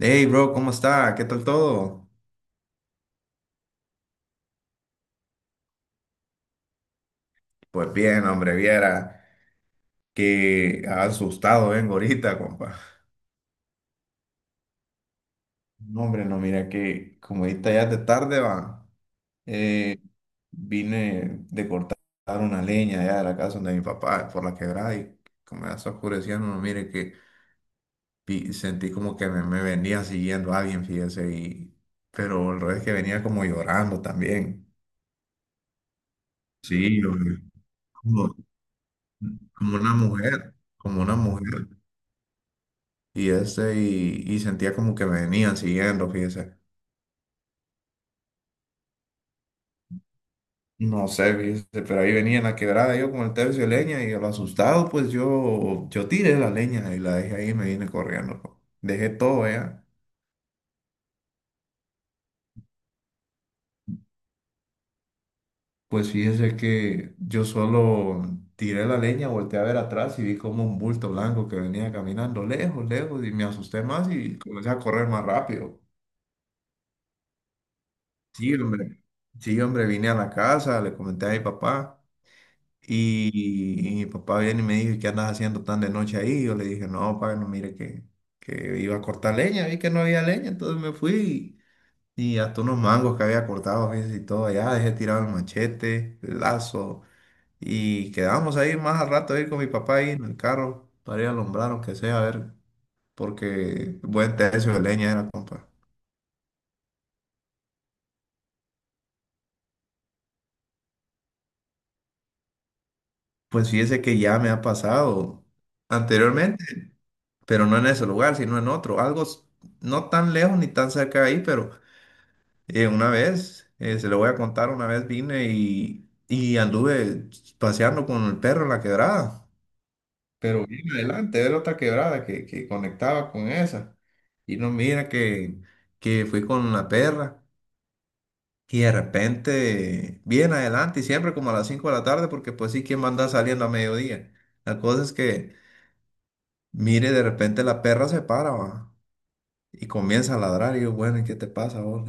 Hey, bro, ¿cómo está? ¿Qué tal todo? Pues bien, hombre, viera que asustado vengo ahorita, compa. No, hombre, no, mira que como ahorita ya es de tarde, va. eh, Vine de cortar una leña allá de la casa de mi papá por la quebrada y como ya está oscureciendo, no, mire que sentí como que me venía siguiendo alguien, fíjese, y, pero el revés que venía como llorando también. Sí, hombre, como, como una mujer, como una mujer. Y este, y sentía como que me venían siguiendo, fíjese. No sé, fíjese, pero ahí venía en la quebrada yo con el tercio de leña y a lo asustado, pues yo tiré la leña y la dejé ahí y me vine corriendo. Po. Dejé todo allá. Pues fíjese que yo solo tiré la leña, volteé a ver atrás y vi como un bulto blanco que venía caminando lejos, lejos y me asusté más y comencé a correr más rápido. Sí, hombre. Sí, hombre, vine a la casa, le comenté a mi papá. Y mi papá viene y me dijo, ¿y qué andas haciendo tan de noche ahí? Yo le dije, no, papá, no, mire que iba a cortar leña, vi que no había leña, entonces me fui y hasta unos mangos que había cortado, fíjese, y todo allá, dejé tirado el machete, el lazo, y quedamos ahí más al rato ir con mi papá ahí en el carro para ir a alumbrar, aunque sea, a ver, porque buen tercio de leña era, compa. Pues fíjese que ya me ha pasado anteriormente, pero no en ese lugar, sino en otro, no tan lejos ni tan cerca de ahí, pero... Una vez, se lo voy a contar, una vez vine y anduve paseando con el perro en la quebrada, pero bien adelante, era otra quebrada que conectaba con esa. Y no mira que fui con la perra y de repente, bien adelante, y siempre como a las 5 de la tarde, porque pues sí, ¿quién va a andar saliendo a mediodía? La cosa es que, mire, de repente la perra se para, va, y comienza a ladrar, y yo, bueno, ¿y qué te pasa, vos?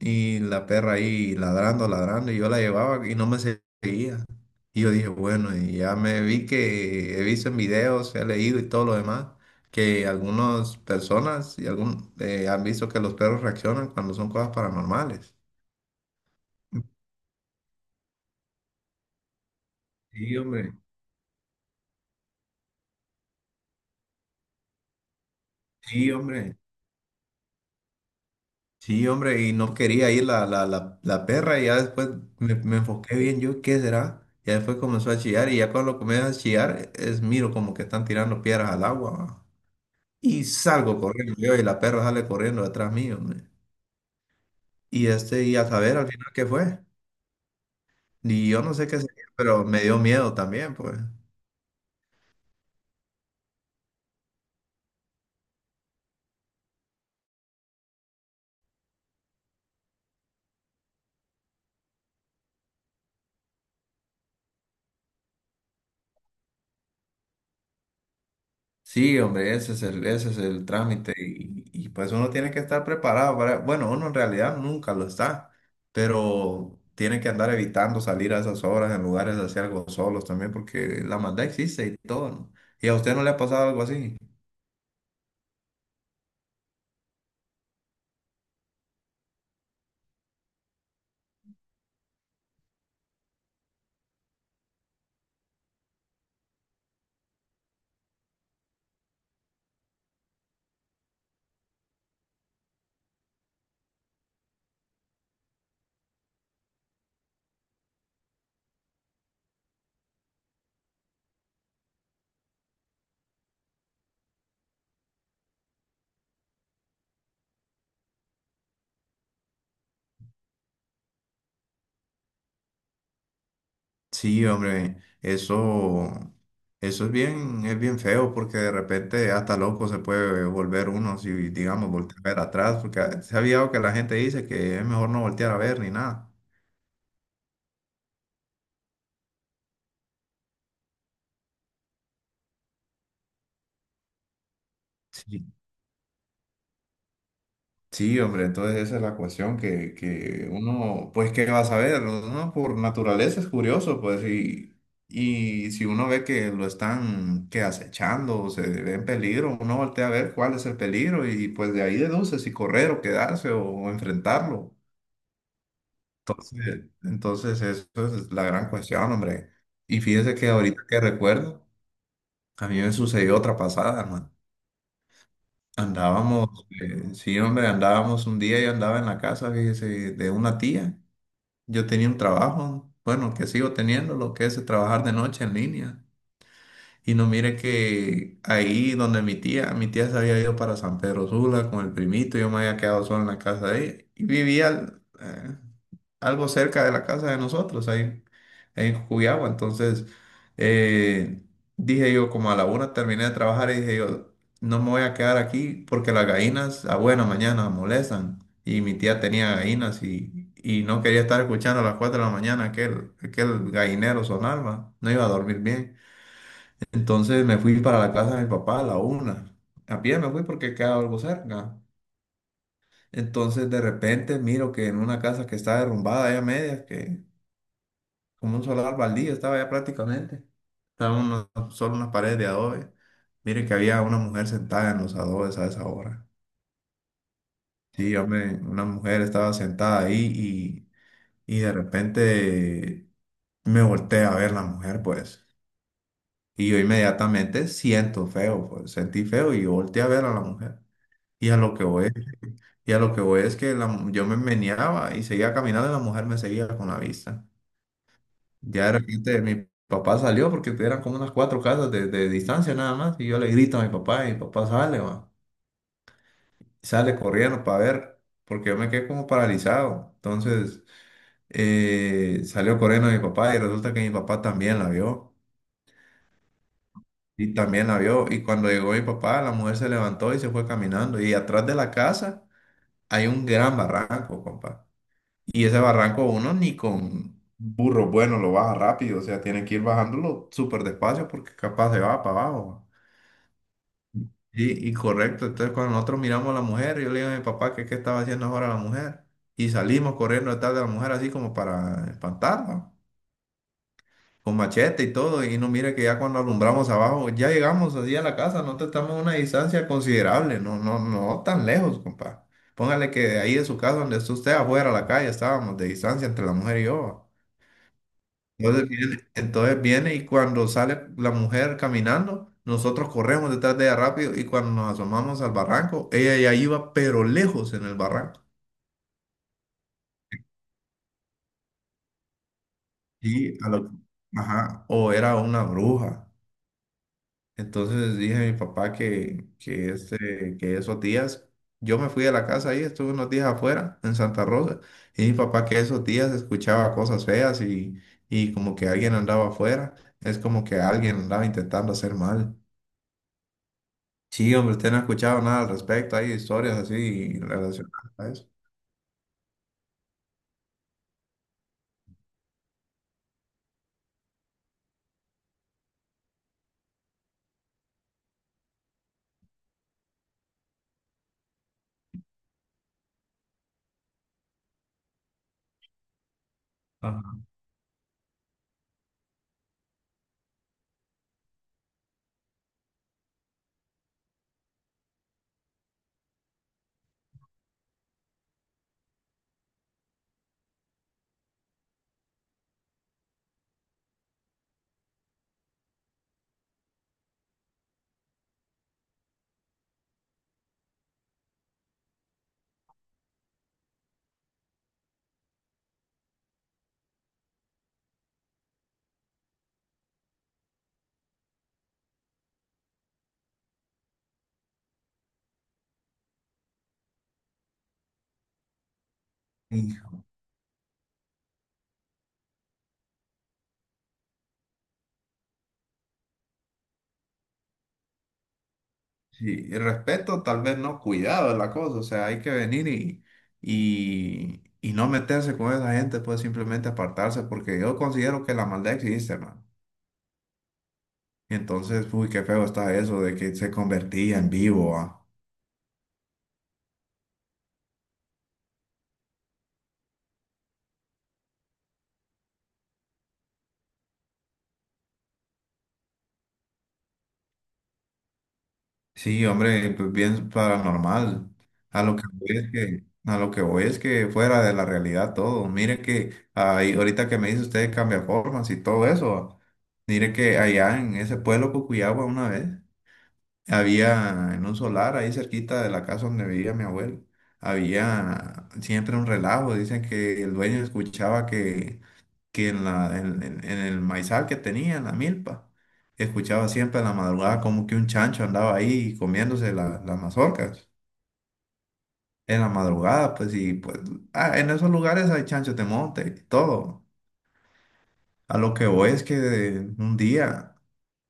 Y la perra ahí ladrando, ladrando, y yo la llevaba y no me seguía. Y yo dije, bueno, y ya me vi que he visto en videos, he leído y todo lo demás, que algunas personas y algún, han visto que los perros reaccionan cuando son cosas paranormales. Sí, hombre, sí, hombre, sí, hombre, y no quería ir la perra y ya después me enfoqué bien yo, ¿qué será? Ya después comenzó a chillar y ya cuando comienza a chillar, es miro como que están tirando piedras al agua. Y salgo corriendo yo y la perra sale corriendo detrás mío. Man. Y este, y a saber al final qué fue. Y yo no sé qué sería, pero me dio miedo también, pues. Sí, hombre, ese es el trámite. Y, pues uno tiene que estar preparado para. Bueno, uno en realidad nunca lo está, pero tiene que andar evitando salir a esas horas en lugares así algo solos también, porque la maldad existe y todo, ¿no? ¿Y a usted no le ha pasado algo así? Sí, hombre, eso es bien feo porque de repente hasta loco se puede volver uno si, digamos, voltear a ver atrás, porque se ha visto que la gente dice que es mejor no voltear a ver ni nada. Sí, sí, hombre, entonces esa es la cuestión que uno, pues, ¿qué va a saber? Uno por naturaleza es curioso, pues, y si uno ve que lo están, que acechando o se ve en peligro, uno voltea a ver cuál es el peligro y, pues, de ahí deduce si correr o quedarse o enfrentarlo. Entonces eso es la gran cuestión, hombre. Y fíjese que ahorita que recuerdo, a mí me sucedió otra pasada, hermano. Andábamos, sí, hombre, andábamos un día, yo andaba en la casa, fíjese, de una tía. Yo tenía un trabajo, bueno, que sigo teniendo, lo que es trabajar de noche en línea. Y no mire que ahí donde mi tía se había ido para San Pedro Sula con el primito, yo me había quedado solo en la casa de ella y vivía algo cerca de la casa de nosotros, ahí, en Cuyagua. Entonces, eh, dije yo, como a la una terminé de trabajar y dije yo, no me voy a quedar aquí porque las gallinas a buena mañana molestan. Y mi tía tenía gallinas y no quería estar escuchando a las 4 de la mañana aquel, aquel gallinero sonar, va. No iba a dormir bien. Entonces me fui para la casa de mi papá a la una. A pie me fui porque quedaba algo cerca. Entonces de repente miro que en una casa que está derrumbada ya a medias, que como un solar baldío estaba ya prácticamente. Estaban solo unas paredes de adobe. Mire que había una mujer sentada en los adobes a esa hora. Sí, hombre, una mujer estaba sentada ahí y de repente me volteé a ver la mujer, pues. Y yo inmediatamente siento feo, pues. Sentí feo y volteé a ver a la mujer. Y a lo que voy, y a lo que voy es que yo me meneaba y seguía caminando y la mujer me seguía con la vista. Ya de repente mi papá salió porque eran como unas cuatro casas de distancia nada más. Y yo le grito a mi papá y mi papá sale, va. Sale corriendo para ver, porque yo me quedé como paralizado. Entonces salió corriendo mi papá y resulta que mi papá también la vio. Y también la vio. Y cuando llegó mi papá, la mujer se levantó y se fue caminando. Y atrás de la casa hay un gran barranco, compa. Y ese barranco uno ni con burro bueno lo baja rápido, o sea, tiene que ir bajándolo súper despacio porque capaz se va para abajo. Y correcto, entonces cuando nosotros miramos a la mujer, yo le digo a mi papá que qué estaba haciendo ahora la mujer. Y salimos corriendo detrás de la mujer así como para espantarla, con machete y todo. Y no mire que ya cuando alumbramos abajo, ya llegamos así a la casa, nosotros estamos a una distancia considerable, no, no, no tan lejos, compa. Póngale que de ahí de su casa, donde está usted afuera a la calle, estábamos de distancia entre la mujer y yo. Entonces viene y cuando sale la mujer caminando, nosotros corremos detrás de ella rápido y cuando nos asomamos al barranco, ella ya iba pero lejos en el barranco. Y a lo- ajá, o era una bruja. Entonces dije a mi papá que esos días, yo me fui de la casa ahí, estuve unos días afuera en Santa Rosa, y mi papá que esos días escuchaba cosas feas y como que alguien andaba afuera, es como que alguien andaba intentando hacer mal. Sí, hombre, usted no ha escuchado nada al respecto, hay historias así relacionadas a eso. Ajá. Hijo, sí, y respeto, tal vez no, cuidado es la cosa, o sea, hay que venir y no meterse con esa gente, pues simplemente apartarse, porque yo considero que la maldad existe, man. Entonces, uy, qué feo está eso de que se convertía en vivo, ah. Sí, hombre, pues bien paranormal. A lo que voy es que fuera de la realidad todo. Mire que ahí, ahorita que me dice usted cambia formas y todo eso. Mire que allá en ese pueblo Cucuyagua una vez había en un solar ahí cerquita de la casa donde vivía mi abuelo. Había siempre un relajo. Dicen que el dueño escuchaba que en el maizal que tenía, en la milpa, escuchaba siempre en la madrugada como que un chancho andaba ahí comiéndose las mazorcas. En la madrugada, pues, y pues, en esos lugares hay chanchos de monte y todo. A lo que voy es que un día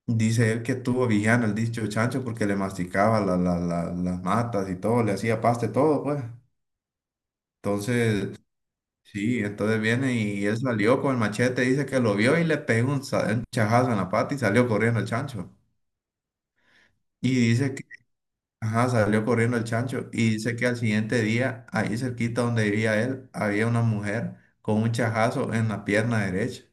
dice él que estuvo vigiando el dicho chancho porque le masticaba las matas y todo, le hacía paste todo, pues. Entonces, Sí, entonces viene y él salió con el machete, dice que lo vio y le pegó un chajazo en la pata y salió corriendo el chancho. Y dice que, ajá, salió corriendo el chancho y dice que al siguiente día, ahí cerquita donde vivía él, había una mujer con un chajazo en la pierna derecha.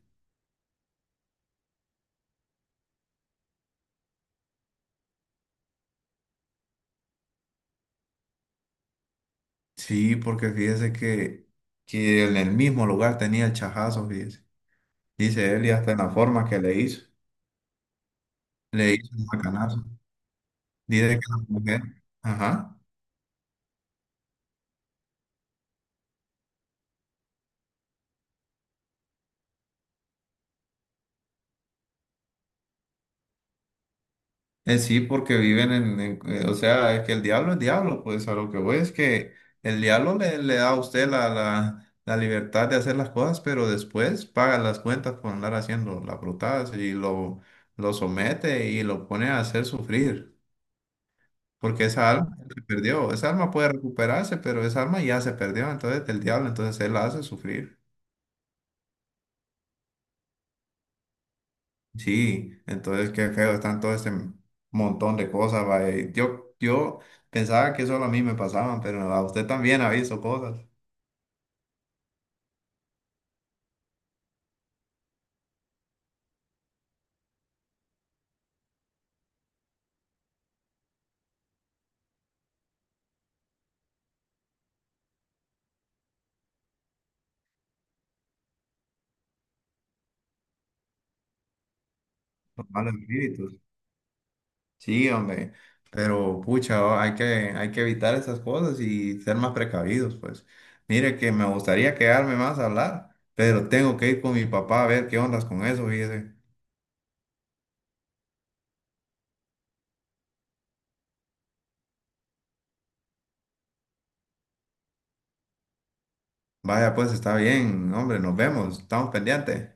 Sí, porque fíjese que en el mismo lugar tenía el chajazo, fíjese. Dice él y hasta en la forma que le hizo un macanazo. Dice que la mujer, ajá. Sí, porque viven o sea, es que el diablo es diablo, pues a lo que voy es que el diablo le da a usted la libertad de hacer las cosas, pero después paga las cuentas por andar haciendo las brutadas y lo somete y lo pone a hacer sufrir, porque esa alma, Claro, se perdió, esa alma puede recuperarse, pero esa alma ya se perdió, entonces el diablo, entonces él la hace sufrir. Sí, entonces qué feo, están todo este montón de cosas, va, yo pensaba que solo a mí me pasaban, pero a usted también ha visto cosas, los malos espíritus. Sí, hombre, pero pucha, oh, hay que evitar esas cosas y ser más precavidos, pues. Mire que me gustaría quedarme más a hablar, pero tengo que ir con mi papá a ver qué ondas con eso, fíjese. Vaya, pues está bien, hombre, nos vemos, estamos pendientes.